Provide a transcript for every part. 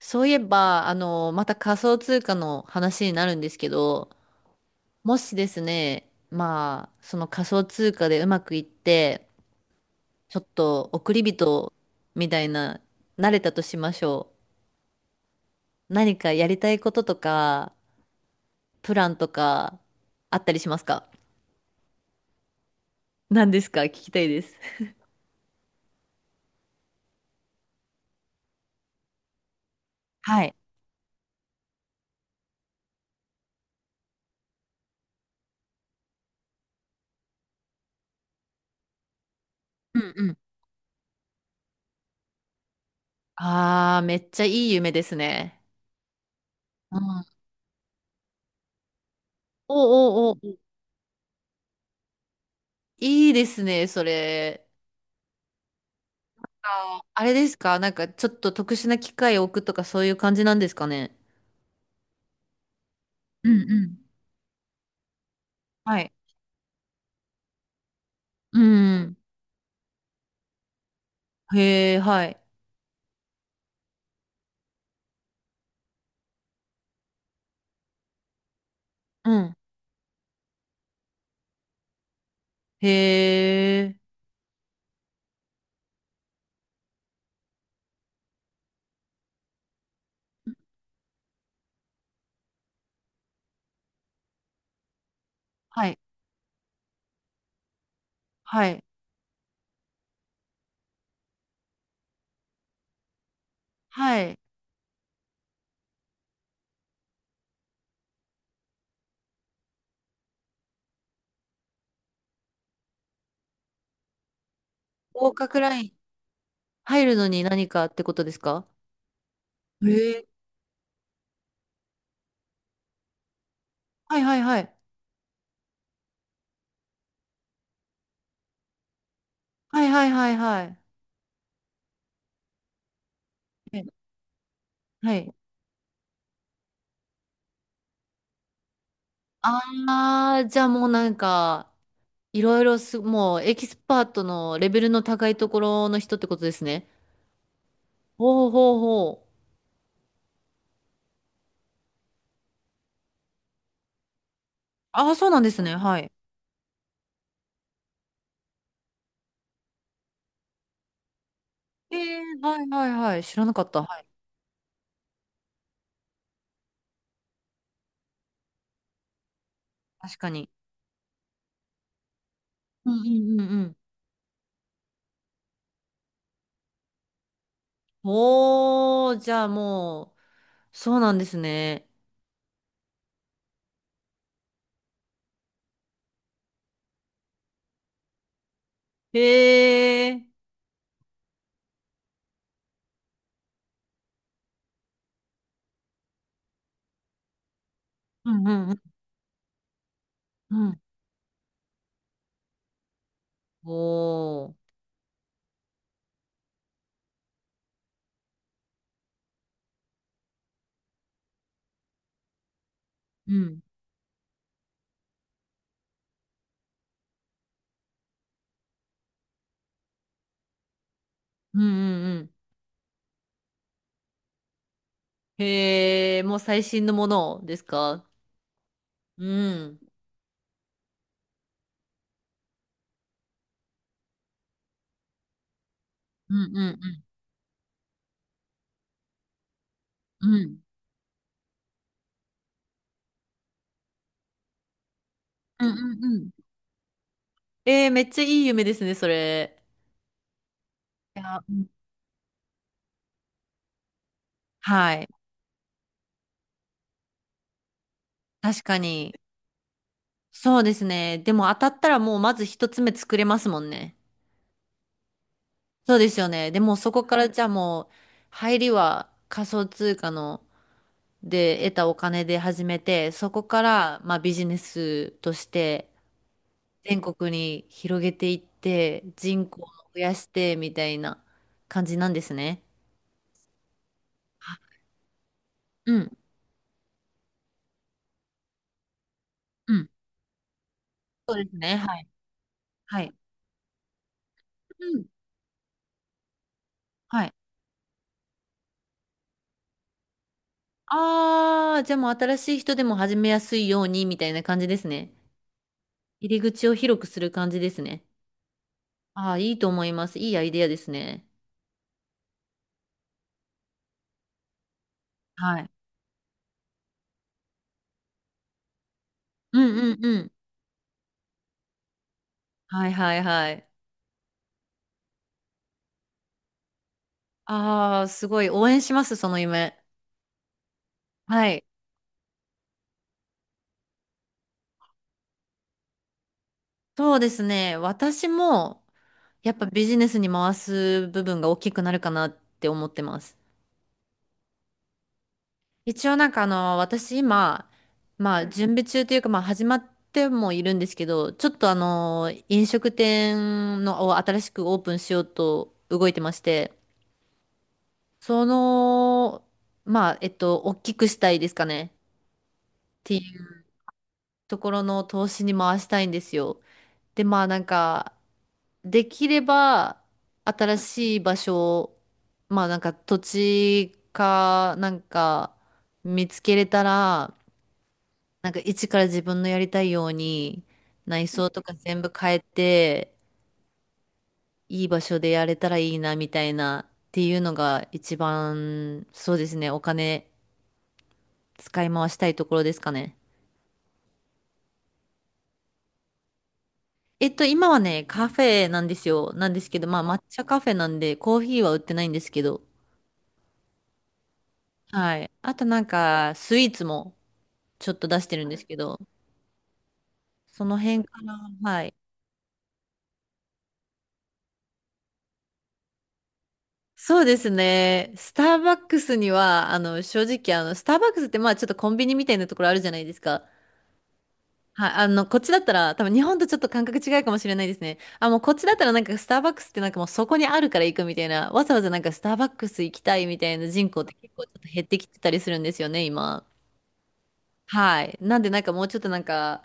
そういえば、また仮想通貨の話になるんですけど、もしですね、まあ、その仮想通貨でうまくいって、ちょっと億り人みたいな、慣れたとしましょう。何かやりたいこととか、プランとか、あったりしますか？何ですか？聞きたいです。はい。うんうん。ああ、めっちゃいい夢ですね。うん。おおお、いいですね、それ。ああれですか？なんかちょっと特殊な機械を置くとかそういう感じなんですかね？うんうん。はい。うん。へえ、はい。うん。へえ。はい。はい。はい。合格ライン、入るのに何かってことですか？へえ。はいはいはい。はいはいはいはい。え、はい。ああ、じゃあもうなんか、いろいろす、もうエキスパートのレベルの高いところの人ってことですね。ほうほうほう。ああ、そうなんですね。はい。ええ、はいはいはい。知らなかった。はい。確かに。うんうんうんうん。おー、じゃあもう、そうなんですね。へえ。うんうんうんうん。おー。うん。うんうんうん。へえ、もう最新のものですか？うん。うんうんうんうん。うんうんうん。えー、めっちゃいい夢ですね、それ。いや、うん、はい。確かに。そうですね。でも当たったらもうまず一つ目作れますもんね。そうですよね。でもそこからじゃあもう入りは仮想通貨ので得たお金で始めて、そこからまあビジネスとして全国に広げていって人口を増やしてみたいな感じなんですね。あ、うん、うん。そうですね。はい。はい。うん。はい。ああ、じゃあもう新しい人でも始めやすいようにみたいな感じですね。入り口を広くする感じですね。ああ、いいと思います。いいアイデアですね。はい。うんうんうん。はいはいはい。ああ、すごい応援します、その夢。はい。そうですね。私も、やっぱビジネスに回す部分が大きくなるかなって思ってます。一応なんか私今、まあ準備中というか、まあ始まってもいるんですけど、ちょっと飲食店のを新しくオープンしようと動いてまして、その、まあ、大きくしたいですかね。っていうところの投資に回したいんですよ。で、まあなんか、できれば新しい場所、まあなんか土地かなんか見つけれたら、なんか一から自分のやりたいように内装とか全部変えて、いい場所でやれたらいいなみたいなっていうのが一番、そうですね、お金使い回したいところですかね。えっと、今はね、カフェなんですよ。なんですけど、まあ抹茶カフェなんでコーヒーは売ってないんですけど、はい。あとなんか、スイーツもちょっと出してるんですけど、その辺から、はい。そうですね。スターバックスには、正直、スターバックスって、まあ、ちょっとコンビニみたいなところあるじゃないですか。はい、こっちだったら、多分日本とちょっと感覚違うかもしれないですね。あ、もうこっちだったらなんかスターバックスってなんかもうそこにあるから行くみたいな、わざわざなんかスターバックス行きたいみたいな人口って結構ちょっと減ってきてたりするんですよね、今。はい。なんでなんかもうちょっとなんか、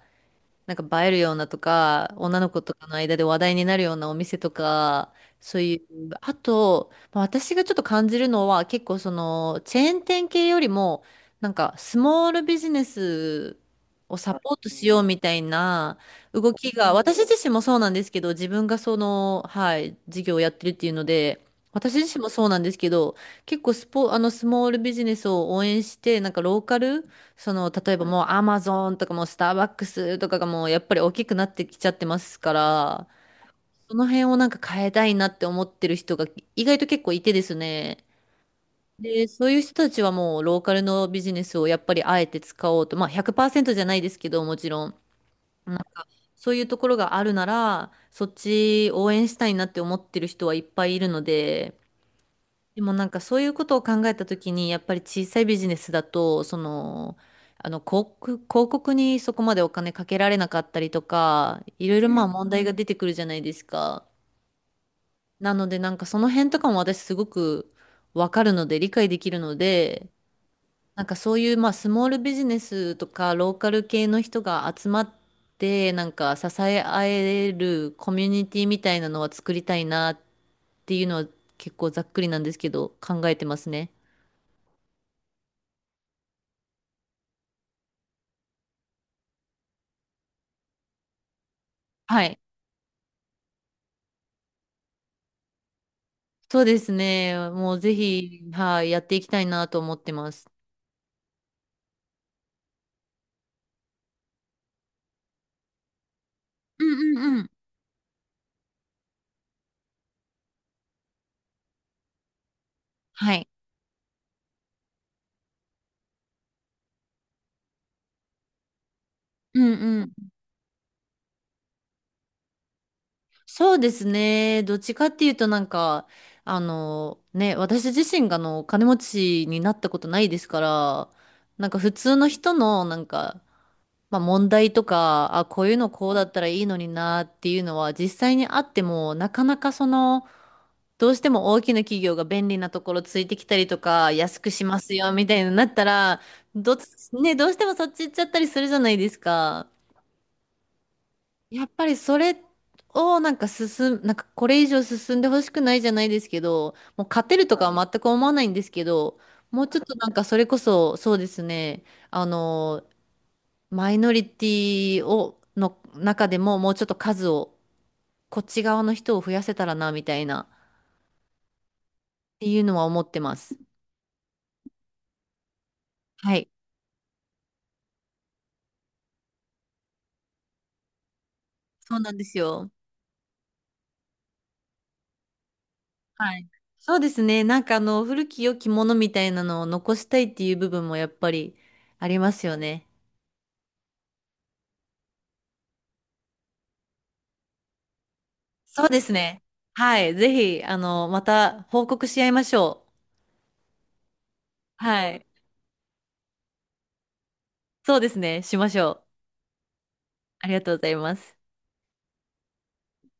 なんか映えるようなとか、女の子とかの間で話題になるようなお店とか、そういう、あと、まあ私がちょっと感じるのは、結構その、チェーン店系よりも、なんか、スモールビジネスをサポートしようみたいな動きが、私自身もそうなんですけど、自分がその、はい、事業をやってるっていうので、私自身もそうなんですけど、結構スポ、あの、スモールビジネスを応援して、なんかローカルその、例えばもうアマゾンとかもうスターバックスとかがもうやっぱり大きくなってきちゃってますから、その辺をなんか変えたいなって思ってる人が意外と結構いてですね。で、そういう人たちはもうローカルのビジネスをやっぱりあえて使おうと、まあ100%じゃないですけどもちろん、そういうところがあるなら、そっち応援したいなって思ってる人はいっぱいいるので、でもなんかそういうことを考えたときに、やっぱり小さいビジネスだと、その、広告にそこまでお金かけられなかったりとか、いろいろまあ問題が出てくるじゃないですか。なのでなんかその辺とかも私すごくわかるので、理解できるので、なんかそういうまあスモールビジネスとかローカル系の人が集まって、なんか支え合えるコミュニティみたいなのは作りたいなっていうのは結構ざっくりなんですけど、考えてますね。はい。そうですね。もうぜひ、はい、やっていきたいなと思ってます。うんうんうん。はい。うんうん。そうですね。どっちかっていうとなんか、ね、私自身が金持ちになったことないですから、なんか普通の人のなんか、まあ問題とか、あ、こういうのこうだったらいいのになっていうのは実際にあっても、なかなかその、どうしても大きな企業が便利なところついてきたりとか、安くしますよみたいになったら、どっち、ね、どうしてもそっち行っちゃったりするじゃないですか。やっぱりそれをなんかなんかこれ以上進んでほしくないじゃないですけど、もう勝てるとかは全く思わないんですけど、もうちょっとなんかそれこそ、そうですね、あの、マイノリティを、の中でももうちょっと数を、こっち側の人を増やせたらな、みたいな、っていうのは思ってます。はい。そうなんですよ。はい。そうですね。なんか古き良きものみたいなのを残したいっていう部分もやっぱりありますよね。そうですね。はい。ぜひ、また報告し合いましょう。はい。そうですね。しましょう。ありがとうございます。